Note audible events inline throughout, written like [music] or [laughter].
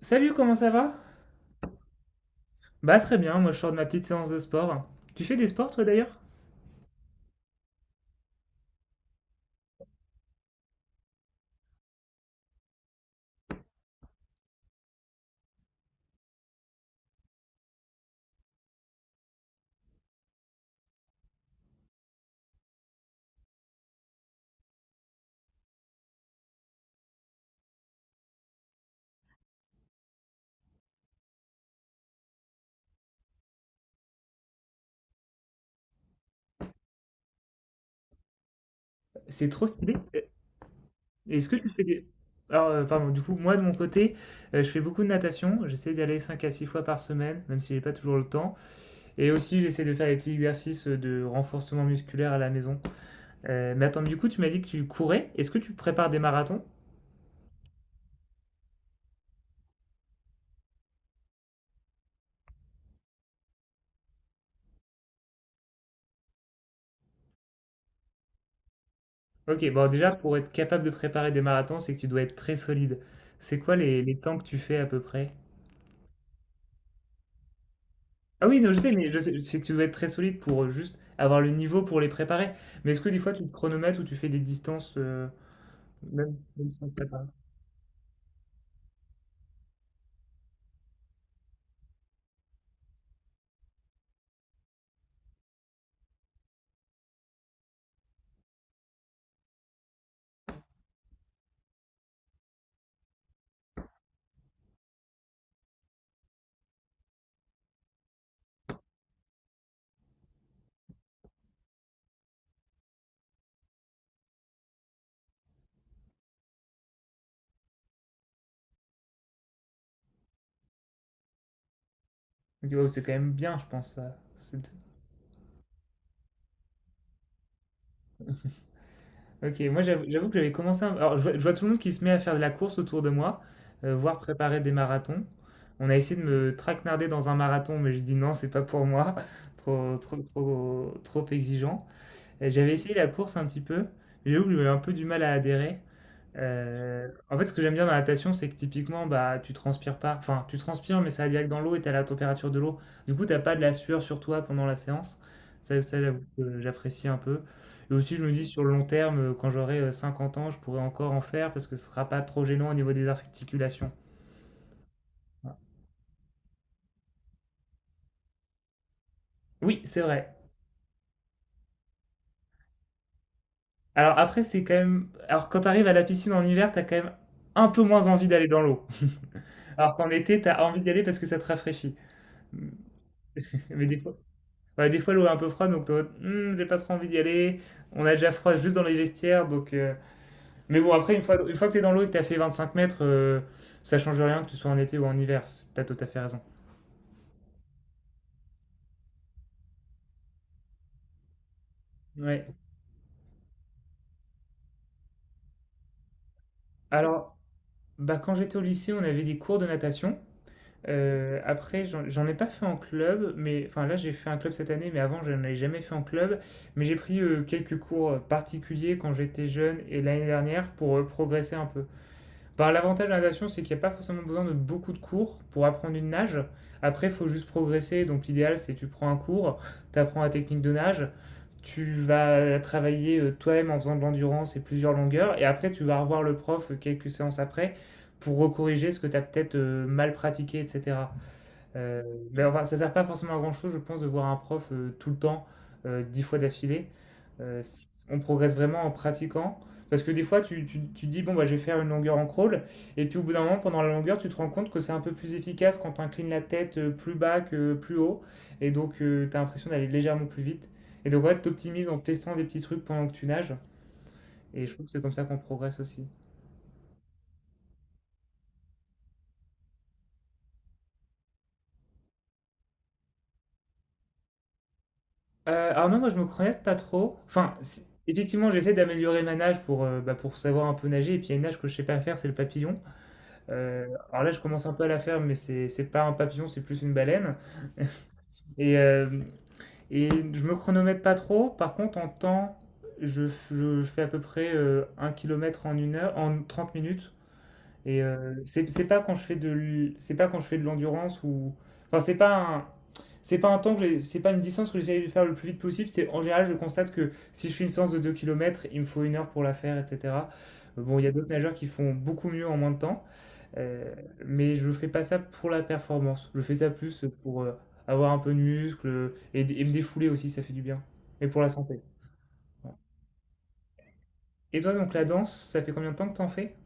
Salut, comment ça va? Bah très bien, moi je sors de ma petite séance de sport. Tu fais des sports toi d'ailleurs? C'est trop stylé. Est-ce que tu fais des... Alors, pardon, du coup, moi de mon côté, je fais beaucoup de natation. J'essaie d'aller 5 à 6 fois par semaine, même si j'ai pas toujours le temps. Et aussi, j'essaie de faire des petits exercices de renforcement musculaire à la maison. Mais attends, du coup, tu m'as dit que tu courais. Est-ce que tu prépares des marathons? Ok, bon, déjà, pour être capable de préparer des marathons, c'est que tu dois être très solide. C'est quoi les temps que tu fais à peu près? Ah oui, non, je sais, mais je sais, c'est que tu dois être très solide pour juste avoir le niveau pour les préparer. Mais est-ce que des fois tu te chronomètres ou tu fais des distances même sans te préparer? Ok, wow, c'est quand même bien, je pense. Ça. Ok, moi j'avoue que j'avais commencé. Alors je vois tout le monde qui se met à faire de la course autour de moi, voire préparer des marathons. On a essayé de me traquenarder dans un marathon, mais j'ai dit non, c'est pas pour moi, [laughs] trop, trop, trop, trop exigeant. J'avais essayé la course un petit peu, mais j'avoue que j'avais un peu du mal à adhérer. En fait, ce que j'aime bien dans la natation, c'est que typiquement, bah, tu transpires pas. Enfin, tu transpires, mais ça va direct dans l'eau et t'as la température de l'eau. Du coup, t'as pas de la sueur sur toi pendant la séance. Ça, j'avoue que j'apprécie un peu. Et aussi, je me dis, sur le long terme, quand j'aurai 50 ans, je pourrai encore en faire parce que ce sera pas trop gênant au niveau des articulations. Voilà. Oui, c'est vrai. Alors après, c'est quand même... Alors quand t'arrives à la piscine en hiver, t'as quand même un peu moins envie d'aller dans l'eau. [laughs] Alors qu'en été, t'as envie d'y aller parce que ça te rafraîchit. Mais des fois, ouais, des fois, l'eau est un peu froide, donc t'es en mode, hmm, j'ai pas trop envie d'y aller. On a déjà froid juste dans les vestiaires, donc. Mais bon, après, une fois que t'es dans l'eau et que t'as fait 25 mètres, ça change rien que tu sois en été ou en hiver. T'as tout à fait raison. Ouais. Alors, bah, quand j'étais au lycée, on avait des cours de natation. Après, j'en ai pas fait en club, mais enfin là, j'ai fait un club cette année, mais avant, je n'en avais jamais fait en club. Mais j'ai pris quelques cours particuliers quand j'étais jeune et l'année dernière pour progresser un peu. Bah, l'avantage de la natation, c'est qu'il n'y a pas forcément besoin de beaucoup de cours pour apprendre une nage. Après, il faut juste progresser. Donc, l'idéal, c'est tu prends un cours, tu apprends la technique de nage, tu vas travailler toi-même en faisant de l'endurance et plusieurs longueurs. Et après, tu vas revoir le prof quelques séances après pour recorriger ce que tu as peut-être mal pratiqué, etc. Euh, enfin, ça sert pas forcément à grand-chose, je pense, de voir un prof tout le temps, 10 fois d'affilée. On progresse vraiment en pratiquant. Parce que des fois, tu dis, bon, bah, je vais faire une longueur en crawl. Et puis au bout d'un moment, pendant la longueur, tu te rends compte que c'est un peu plus efficace quand tu inclines la tête plus bas que plus haut. Et donc, tu as l'impression d'aller légèrement plus vite. Et donc, ouais, tu optimises en testant des petits trucs pendant que tu nages. Et je trouve que c'est comme ça qu'on progresse aussi. Alors non, moi je me connais pas trop. Effectivement, j'essaie d'améliorer ma nage pour, bah, pour savoir un peu nager. Et puis il y a une nage que je sais pas faire, c'est le papillon. Euh, alors là, je commence un peu à la faire, mais c'est pas un papillon, c'est plus une baleine. [laughs] Et, euh, et je me chronomètre pas trop. Par contre, en temps, je fais à peu près 1 km en une heure, en 30 minutes. C'est pas quand je fais c'est pas quand je fais de l'endurance ou enfin c'est pas un temps c'est pas une distance que j'essaie de faire le plus vite possible, c'est en général je constate que si je fais une séance de 2 kilomètres il me faut une heure pour la faire, etc. Bon, il y a d'autres nageurs qui font beaucoup mieux en moins de temps, euh, mais je fais pas ça pour la performance, je fais ça plus pour avoir un peu de muscle et me défouler aussi, ça fait du bien. Et pour la santé. Ouais. Et toi donc la danse, ça fait combien de temps que t'en fais?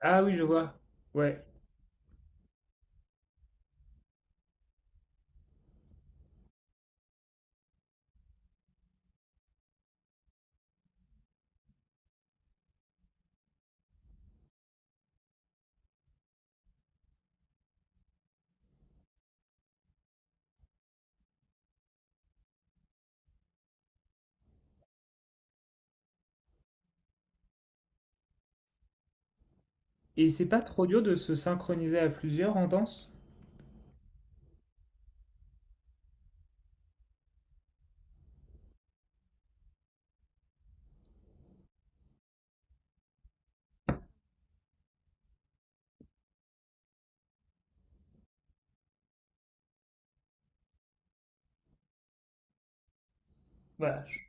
Ah oui, je vois. Ouais. Et c'est pas trop dur de se synchroniser à plusieurs en danse? Voilà.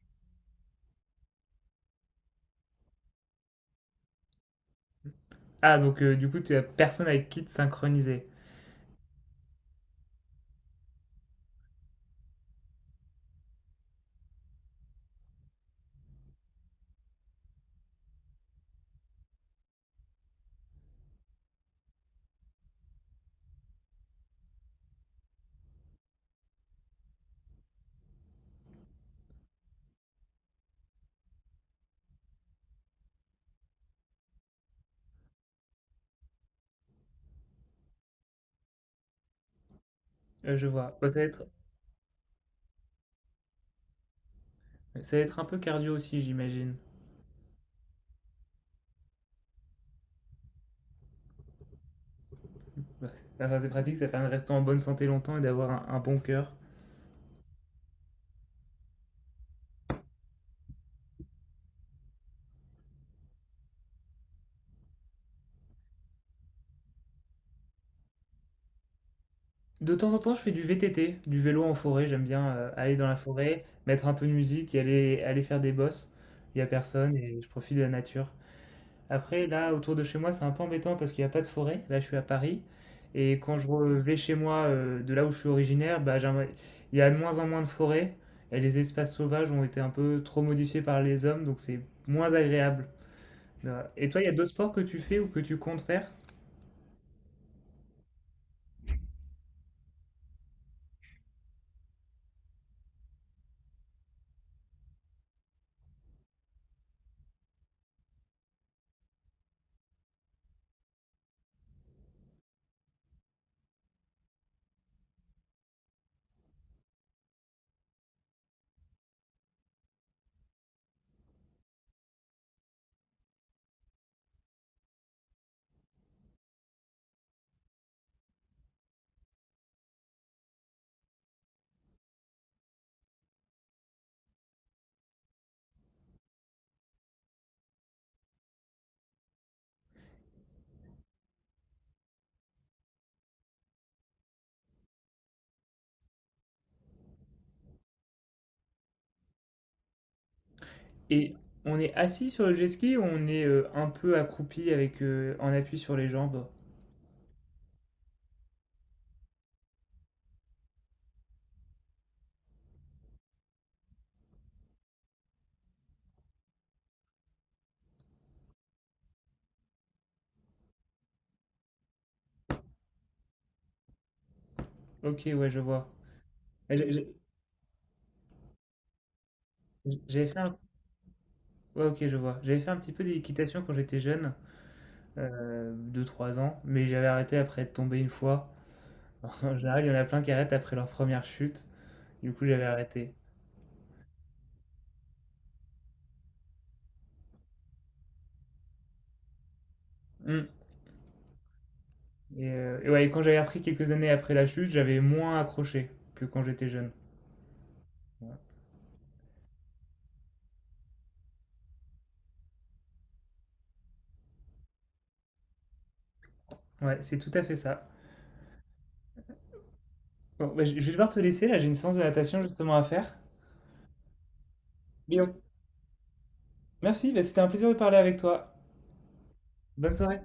Ah, donc du coup, tu as personne avec qui te synchroniser. Je vois. Bah, ça va être... Ça va être un peu cardio aussi, j'imagine. Bah, enfin, c'est pratique, ça permet de rester en bonne santé longtemps et d'avoir un bon cœur. De temps en temps, je fais du VTT, du vélo en forêt. J'aime bien aller dans la forêt, mettre un peu de musique et aller faire des bosses. Il y a personne et je profite de la nature. Après, là, autour de chez moi, c'est un peu embêtant parce qu'il n'y a pas de forêt. Là, je suis à Paris. Et quand vais chez moi, de là où je suis originaire, bah, il y a de moins en moins de forêts. Et les espaces sauvages ont été un peu trop modifiés par les hommes, donc c'est moins agréable. Voilà. Et toi, il y a d'autres sports que tu fais ou que tu comptes faire? Et on est assis sur le jet ski ou on est un peu accroupi avec en appui sur les jambes? Ok, ouais, je vois. Euh, J'ai- J'avais fait un... ouais, ok, je vois. J'avais fait un petit peu d'équitation quand j'étais jeune. 2-3 ans, mais j'avais arrêté après être tombé une fois. [laughs] En général, il y en a plein qui arrêtent après leur première chute. Du coup, j'avais arrêté. Mmh, et ouais, et quand j'avais repris quelques années après la chute, j'avais moins accroché que quand j'étais jeune. Ouais. Ouais, c'est tout à fait ça. Bon, bah, je vais devoir te laisser là, j'ai une séance de natation justement à faire. Mais on merci, bah, c'était un plaisir de parler avec toi. Bonne soirée.